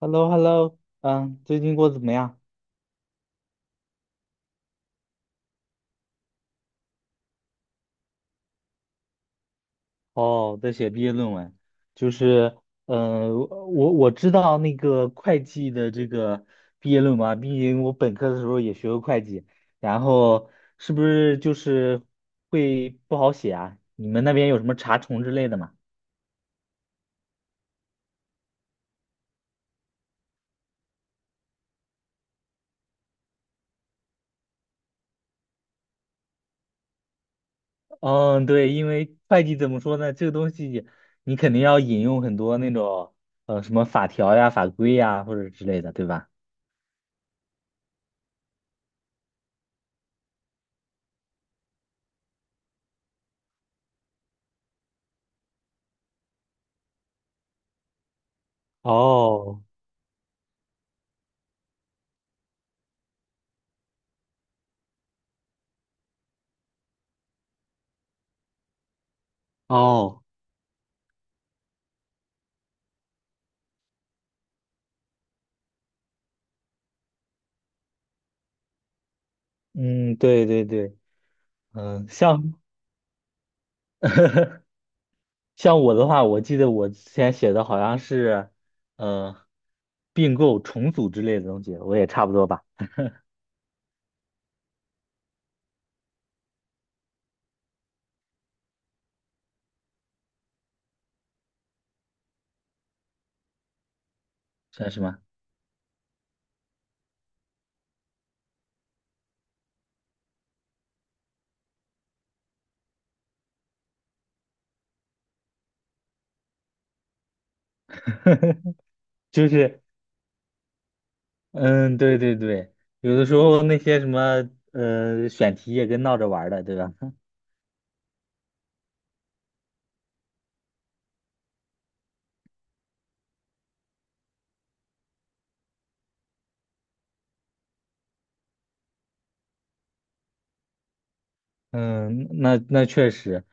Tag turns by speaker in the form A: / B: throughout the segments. A: h e l l o h e l l o 嗯，最近过得怎么样？哦，在写毕业论文，就是，我知道那个会计的这个毕业论文啊，毕竟我本科的时候也学过会计，然后是不是就是会不好写啊？你们那边有什么查重之类的吗？嗯，对，因为会计怎么说呢，这个东西你肯定要引用很多那种什么法条呀、法规呀或者之类的，对吧？哦哦，嗯，对对对，嗯，像我的话，我记得我之前写的好像是，呃，并购、重组之类的东西，我也差不多吧，算是吗？就是，嗯，对对对，有的时候那些什么，选题也跟闹着玩儿的，对吧？嗯，那那确实，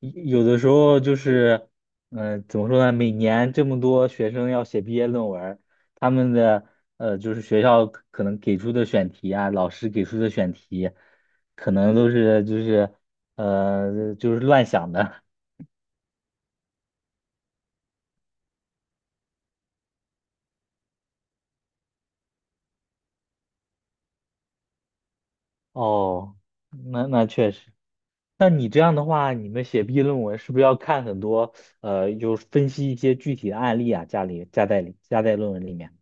A: 有的时候就是，嗯，怎么说呢？每年这么多学生要写毕业论文儿，他们的呃，就是学校可能给出的选题啊，老师给出的选题，可能都是就是乱想的。哦，那那确实。那你这样的话，你们写毕业论文是不是要看很多就是分析一些具体的案例啊，家里加在里加在论文里面？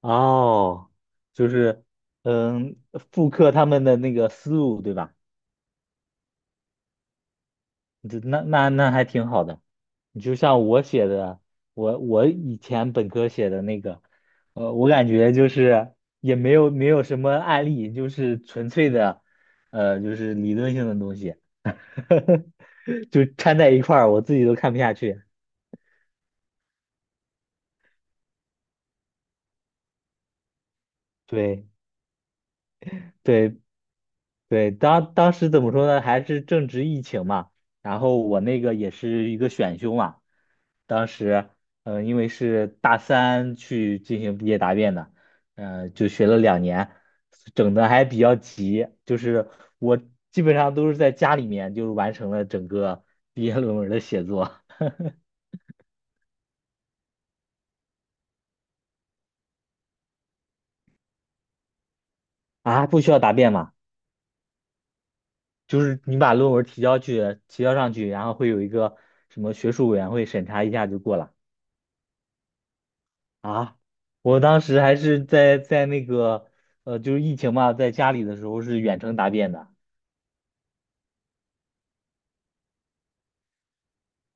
A: 哦，就是嗯，复刻他们的那个思路，对吧？这那那那还挺好的。你就像我写的，我以前本科写的那个，我感觉就是也没有什么案例，就是纯粹的，就是理论性的东西，就掺在一块儿，我自己都看不下去。对，对。对，当时怎么说呢？还是正值疫情嘛，然后我那个也是一个选修嘛，当时，因为是大三去进行毕业答辩的，嗯、就学了两年，整的还比较急，就是我基本上都是在家里面就完成了整个毕业论文的写作。 啊，不需要答辩嘛，就是你把论文提交去，提交上去，然后会有一个什么学术委员会审查一下就过了。啊，我当时还是在那个就是疫情嘛，在家里的时候是远程答辩的。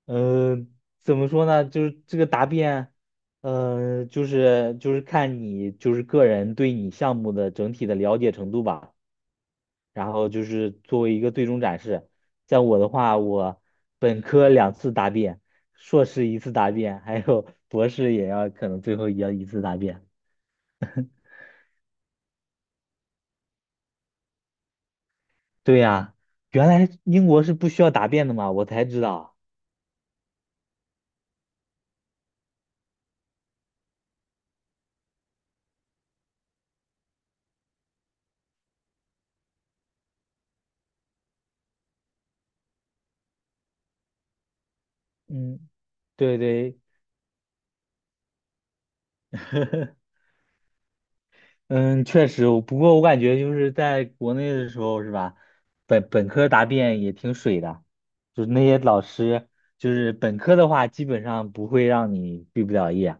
A: 嗯、怎么说呢？就是这个答辩，就是看你就是个人对你项目的整体的了解程度吧。然后就是作为一个最终展示。像我的话，我本科两次答辩，硕士一次答辩，还有 博士也要可能最后也要一次答辩。对呀、原来英国是不需要答辩的嘛，我才知道。嗯，对对，嗯，确实，不过我感觉就是在国内的时候，是吧？本科答辩也挺水的，就是那些老师，就是本科的话，基本上不会让你毕不了业，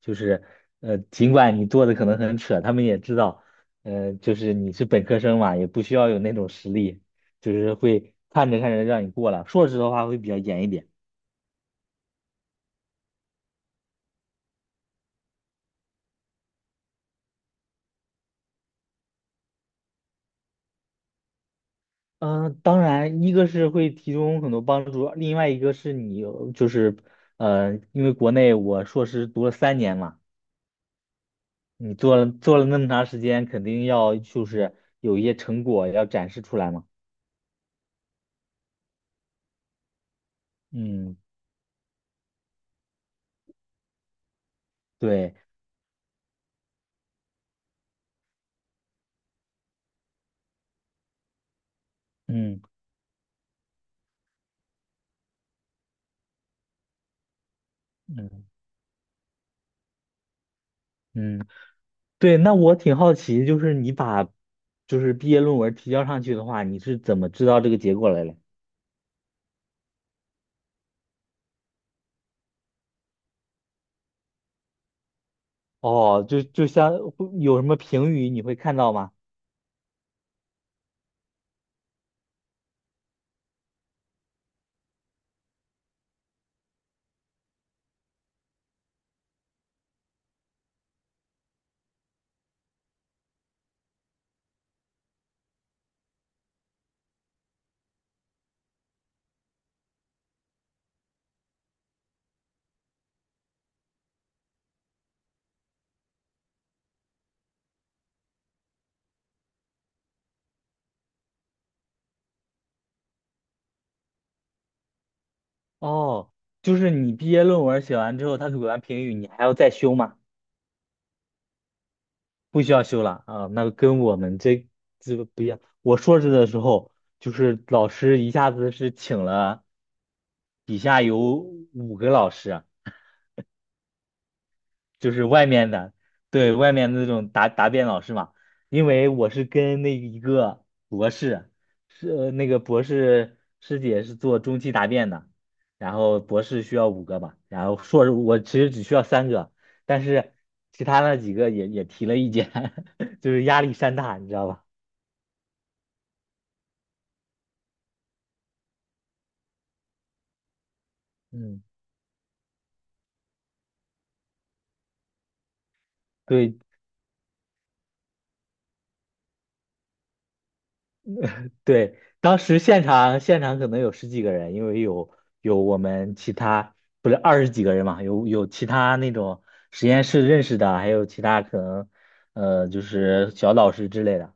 A: 就是尽管你做的可能很扯，他们也知道，就是你是本科生嘛，也不需要有那种实力，就是会看着看着让你过了。硕士的话会比较严一点。嗯，当然，一个是会提供很多帮助，另外一个是你有就是，因为国内我硕士读了三年嘛，你做了那么长时间，肯定要就是有一些成果要展示出来嘛。嗯，对，嗯嗯嗯，对。那我挺好奇，就是你把就是毕业论文提交上去的话，你是怎么知道这个结果来的？哦，就像会有什么评语你会看到吗？哦，就是你毕业论文写完之后，他给完评语，你还要再修吗？不需要修了啊，那跟我们这个不一样。我硕士的时候，就是老师一下子是请了底下有五个老师，就是外面的，对外面的那种答辩老师嘛，因为我是跟那一个博士，是那个博士师姐是做中期答辩的，然后博士需要五个吧，然后硕士我其实只需要三个，但是其他那几个也提了意见，就是压力山大，你知道吧？嗯，对。对，当时现场可能有十几个人，因为有我们其他不是二十几个人嘛，有其他那种实验室认识的，还有其他可能就是小老师之类的。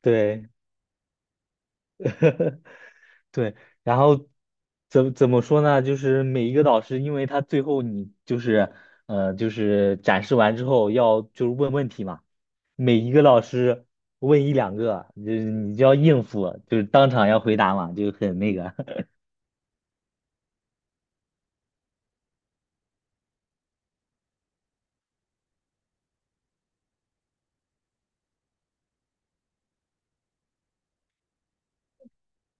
A: 对，对，然后怎么说呢？就是每一个导师，因为他最后你就是就是展示完之后要就是问问题嘛，每一个老师问一两个，就是你就要应付，就是当场要回答嘛，就很那个。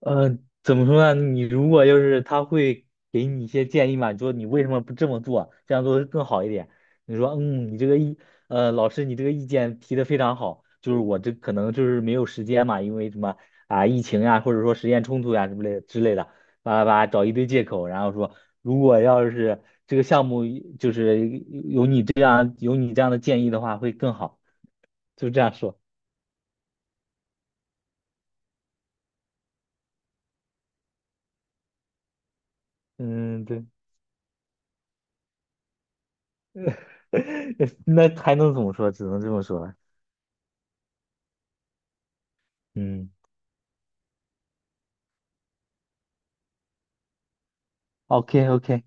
A: 呃，怎么说呢？你如果就是他会给你一些建议嘛，你说你为什么不这么做，这样做会更好一点。你说，嗯，你这个意，老师，你这个意见提的非常好，就是我这可能就是没有时间嘛，因为什么啊，疫情呀，或者说时间冲突呀什么类之类的，叭叭叭，找一堆借口，然后说，如果要是这个项目就是有你这样的建议的话，会更好，就这样说。嗯，对，那还能怎么说？只能这么说了。嗯。OK OK，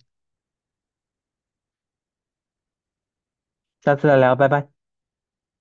A: 下次再聊，拜拜。